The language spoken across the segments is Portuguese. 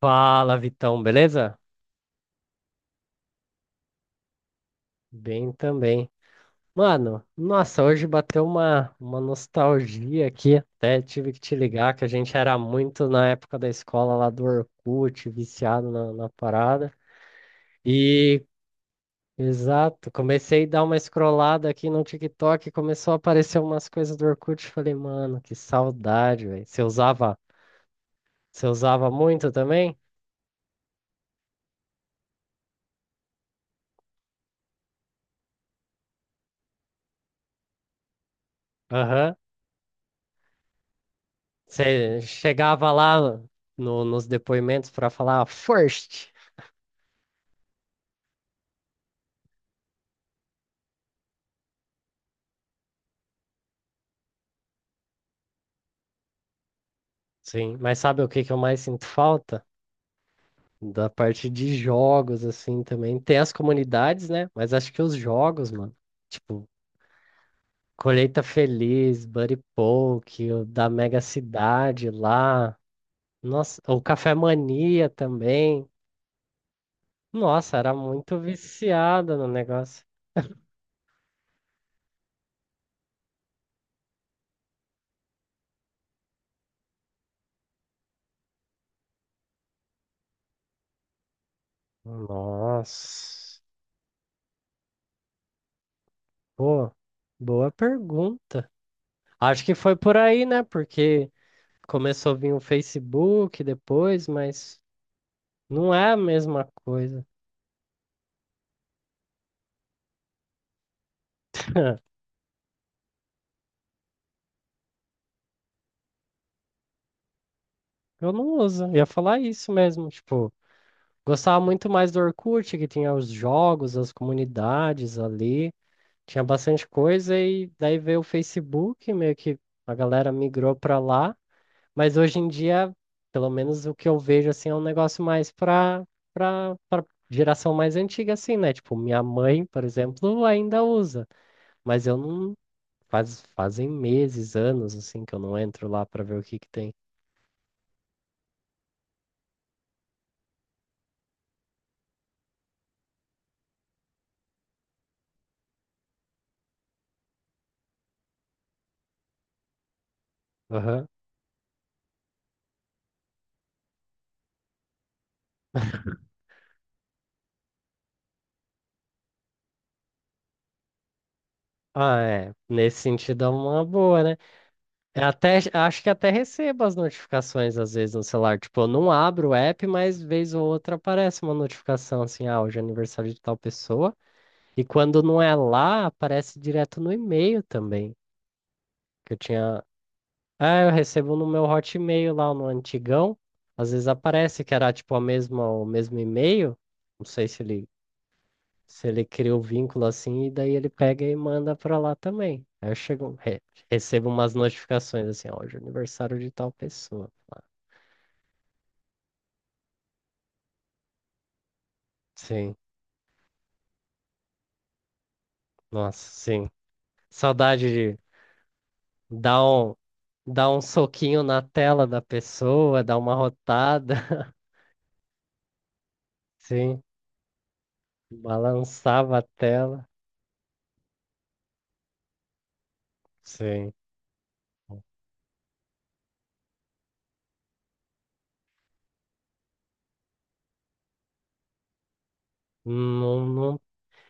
Fala, Vitão, beleza? Bem também. Mano, nossa, hoje bateu uma nostalgia aqui. Até tive que te ligar que a gente era muito na época da escola lá do Orkut, viciado na parada. E, exato, comecei a dar uma scrollada aqui no TikTok, começou a aparecer umas coisas do Orkut. Falei, mano, que saudade, velho. Você usava muito também? Aham. Você chegava lá nos depoimentos pra falar first. Sim, mas sabe o que que eu mais sinto falta? Da parte de jogos, assim, também. Tem as comunidades, né? Mas acho que os jogos, mano, tipo, Colheita Feliz, Buddy Poke, o da Mega Cidade lá, nossa, o Café Mania também. Nossa, era muito viciada no negócio. Nossa, pô, boa pergunta. Acho que foi por aí, né? Porque começou a vir o Facebook depois, mas. Não é a mesma coisa. Eu não uso. Eu ia falar isso mesmo. Tipo, gostava muito mais do Orkut, que tinha os jogos, as comunidades ali. Tinha bastante coisa e daí veio o Facebook, meio que a galera migrou pra lá. Mas hoje em dia, pelo menos o que eu vejo, assim, é um negócio mais pra geração mais antiga, assim, né? Tipo, minha mãe, por exemplo, ainda usa. Mas eu não... Fazem meses, anos, assim, que eu não entro lá pra ver o que que tem. Ah, é. Nesse sentido é uma boa, né? Eu até, acho que até recebo as notificações às vezes no celular. Tipo, eu não abro o app, mas vez ou outra aparece uma notificação assim, ah, hoje é aniversário de tal pessoa. E quando não é lá, aparece direto no e-mail também. Que eu tinha. Ah, eu recebo no meu Hotmail lá no antigão. Às vezes aparece que era tipo a mesma, o mesmo e-mail. Não sei se ele. Se ele cria o vínculo assim, e daí ele pega e manda pra lá também. Aí eu chego, recebo umas notificações assim, ó, hoje é aniversário de tal pessoa. Ah, sim, nossa, sim. Saudade de dar um, dar um soquinho na tela da pessoa, dar uma rotada. Sim, balançava a tela. Sim. Não, não.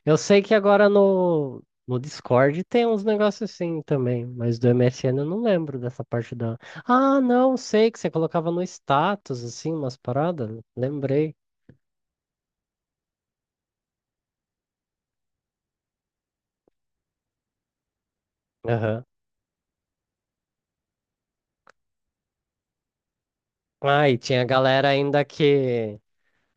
Eu sei que agora no Discord tem uns negócios assim também, mas do MSN eu não lembro dessa parte da. Ah, não, sei que você colocava no status, assim, umas paradas. Lembrei. Aham. Ah, e tinha galera ainda que,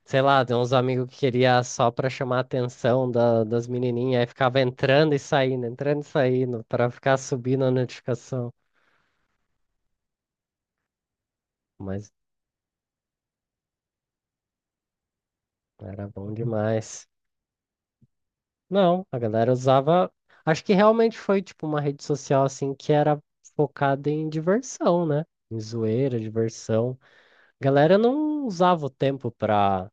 sei lá, tem uns amigos que queria só pra chamar a atenção das menininhas, aí ficava entrando e saindo, pra ficar subindo a notificação. Mas era bom demais. Não, a galera usava. Acho que realmente foi tipo uma rede social assim que era focada em diversão, né? Em zoeira, diversão. A galera não usava o tempo pra,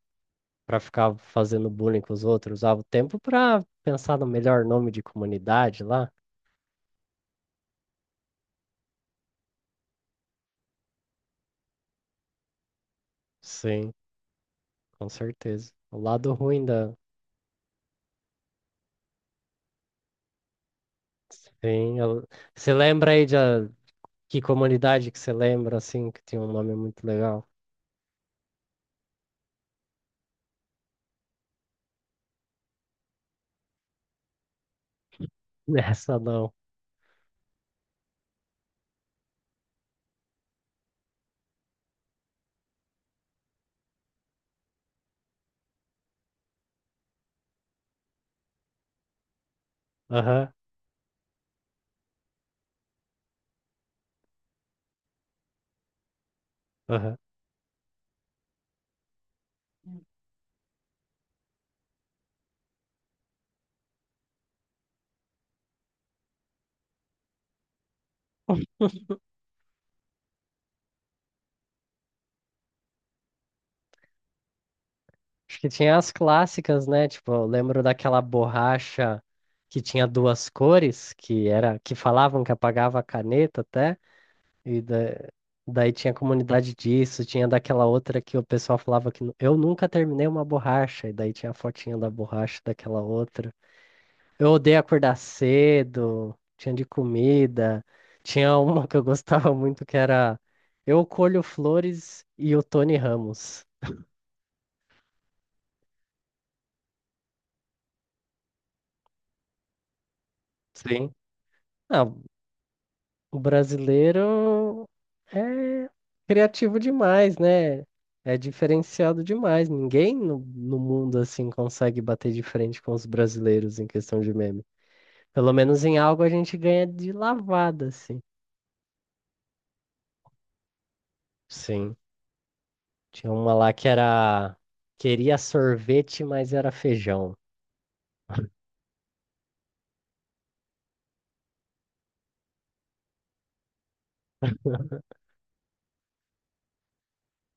pra ficar fazendo bullying com os outros, usava o tempo pra pensar no melhor nome de comunidade lá. Sim, com certeza. O lado ruim da. Sim, você lembra aí que comunidade que você lembra assim que tinha um nome muito legal? Essa não. Aham, aham. Acho que tinha as clássicas, né? Tipo, eu lembro daquela borracha que tinha duas cores, que era que falavam que apagava a caneta até, e daí tinha comunidade disso, tinha daquela outra que o pessoal falava que eu nunca terminei uma borracha, e daí tinha a fotinha da borracha daquela outra. Eu odeio acordar cedo, tinha de comida, tinha uma que eu gostava muito que era eu colho flores e o Tony Ramos. Sim. Ah, o brasileiro é criativo demais, né? É diferenciado demais. Ninguém no mundo assim consegue bater de frente com os brasileiros em questão de meme. Pelo menos em algo a gente ganha de lavada, assim. Sim. Tinha uma lá que era queria sorvete, mas era feijão.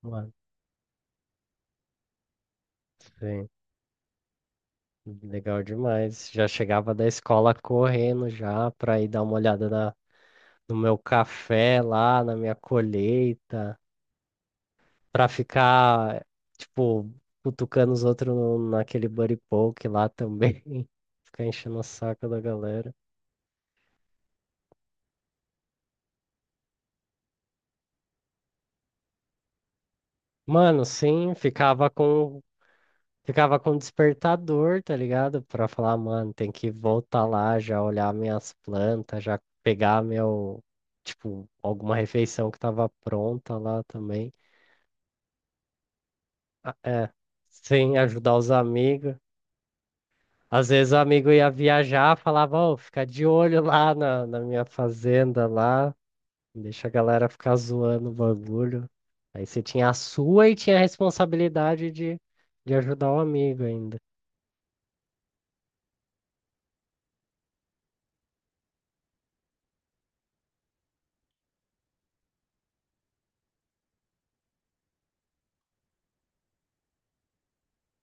Mano, sim. Legal demais. Já chegava da escola correndo já pra ir dar uma olhada no meu café lá, na minha colheita. Pra ficar, tipo, cutucando os outros naquele buddy poke lá também. Ficar enchendo o saco da galera. Mano, sim, ficava com. Ficava com despertador, tá ligado? Pra falar, mano, tem que voltar lá, já olhar minhas plantas, já pegar meu, tipo, alguma refeição que tava pronta lá também. Ah, é, sim, ajudar os amigos. Às vezes o amigo ia viajar, falava, ô, fica de olho lá na minha fazenda lá. Deixa a galera ficar zoando o bagulho. Aí você tinha a sua e tinha a responsabilidade de ajudar o amigo ainda.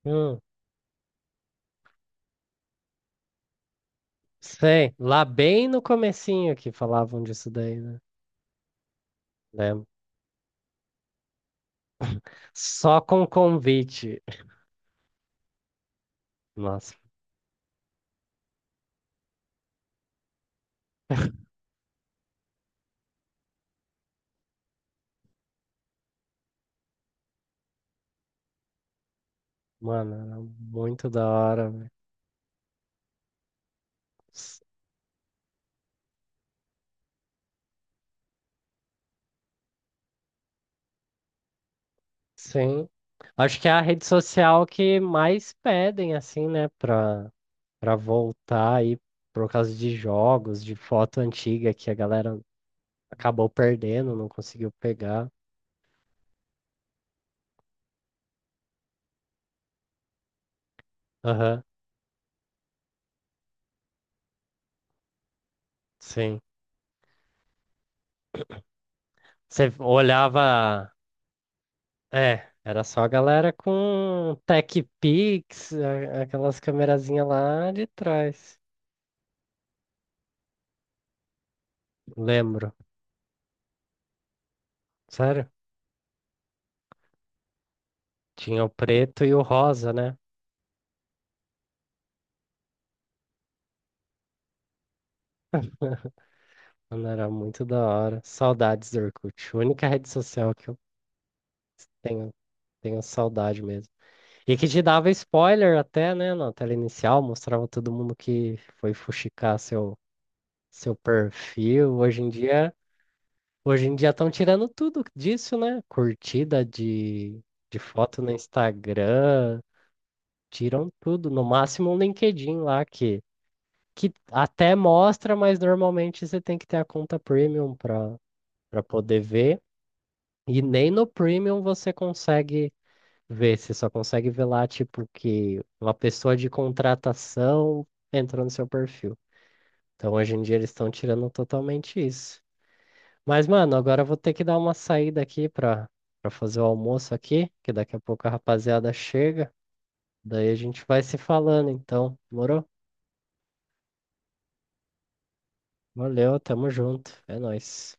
Hum, sei. Lá bem no comecinho que falavam disso daí, né? Lembro. Só com convite. Nossa, mano, era muito da hora, velho. S- sim. Acho que é a rede social que mais pedem, assim, né? Pra, pra voltar aí por causa de jogos, de foto antiga que a galera acabou perdendo, não conseguiu pegar. Aham, sim. Você olhava. É, era só a galera com Tech Pix, aquelas câmerazinhas lá de trás. Lembro. Sério? Tinha o preto e o rosa, né? Mano, era muito da hora. Saudades do Orkut. A única rede social que eu tenho, tenho saudade mesmo. E que te dava spoiler até, né? Na tela inicial, mostrava todo mundo que foi fuxicar seu, seu perfil. Hoje em dia. Hoje em dia estão tirando tudo disso, né? Curtida de foto no Instagram, tiram tudo. No máximo um LinkedIn lá que até mostra, mas normalmente você tem que ter a conta premium para poder ver. E nem no premium você consegue ver, você só consegue ver lá, tipo, que uma pessoa de contratação entrou no seu perfil. Então hoje em dia eles estão tirando totalmente isso. Mas, mano, agora eu vou ter que dar uma saída aqui pra, pra fazer o almoço aqui, que daqui a pouco a rapaziada chega. Daí a gente vai se falando, então. Demorou? Valeu, tamo junto. É nóis.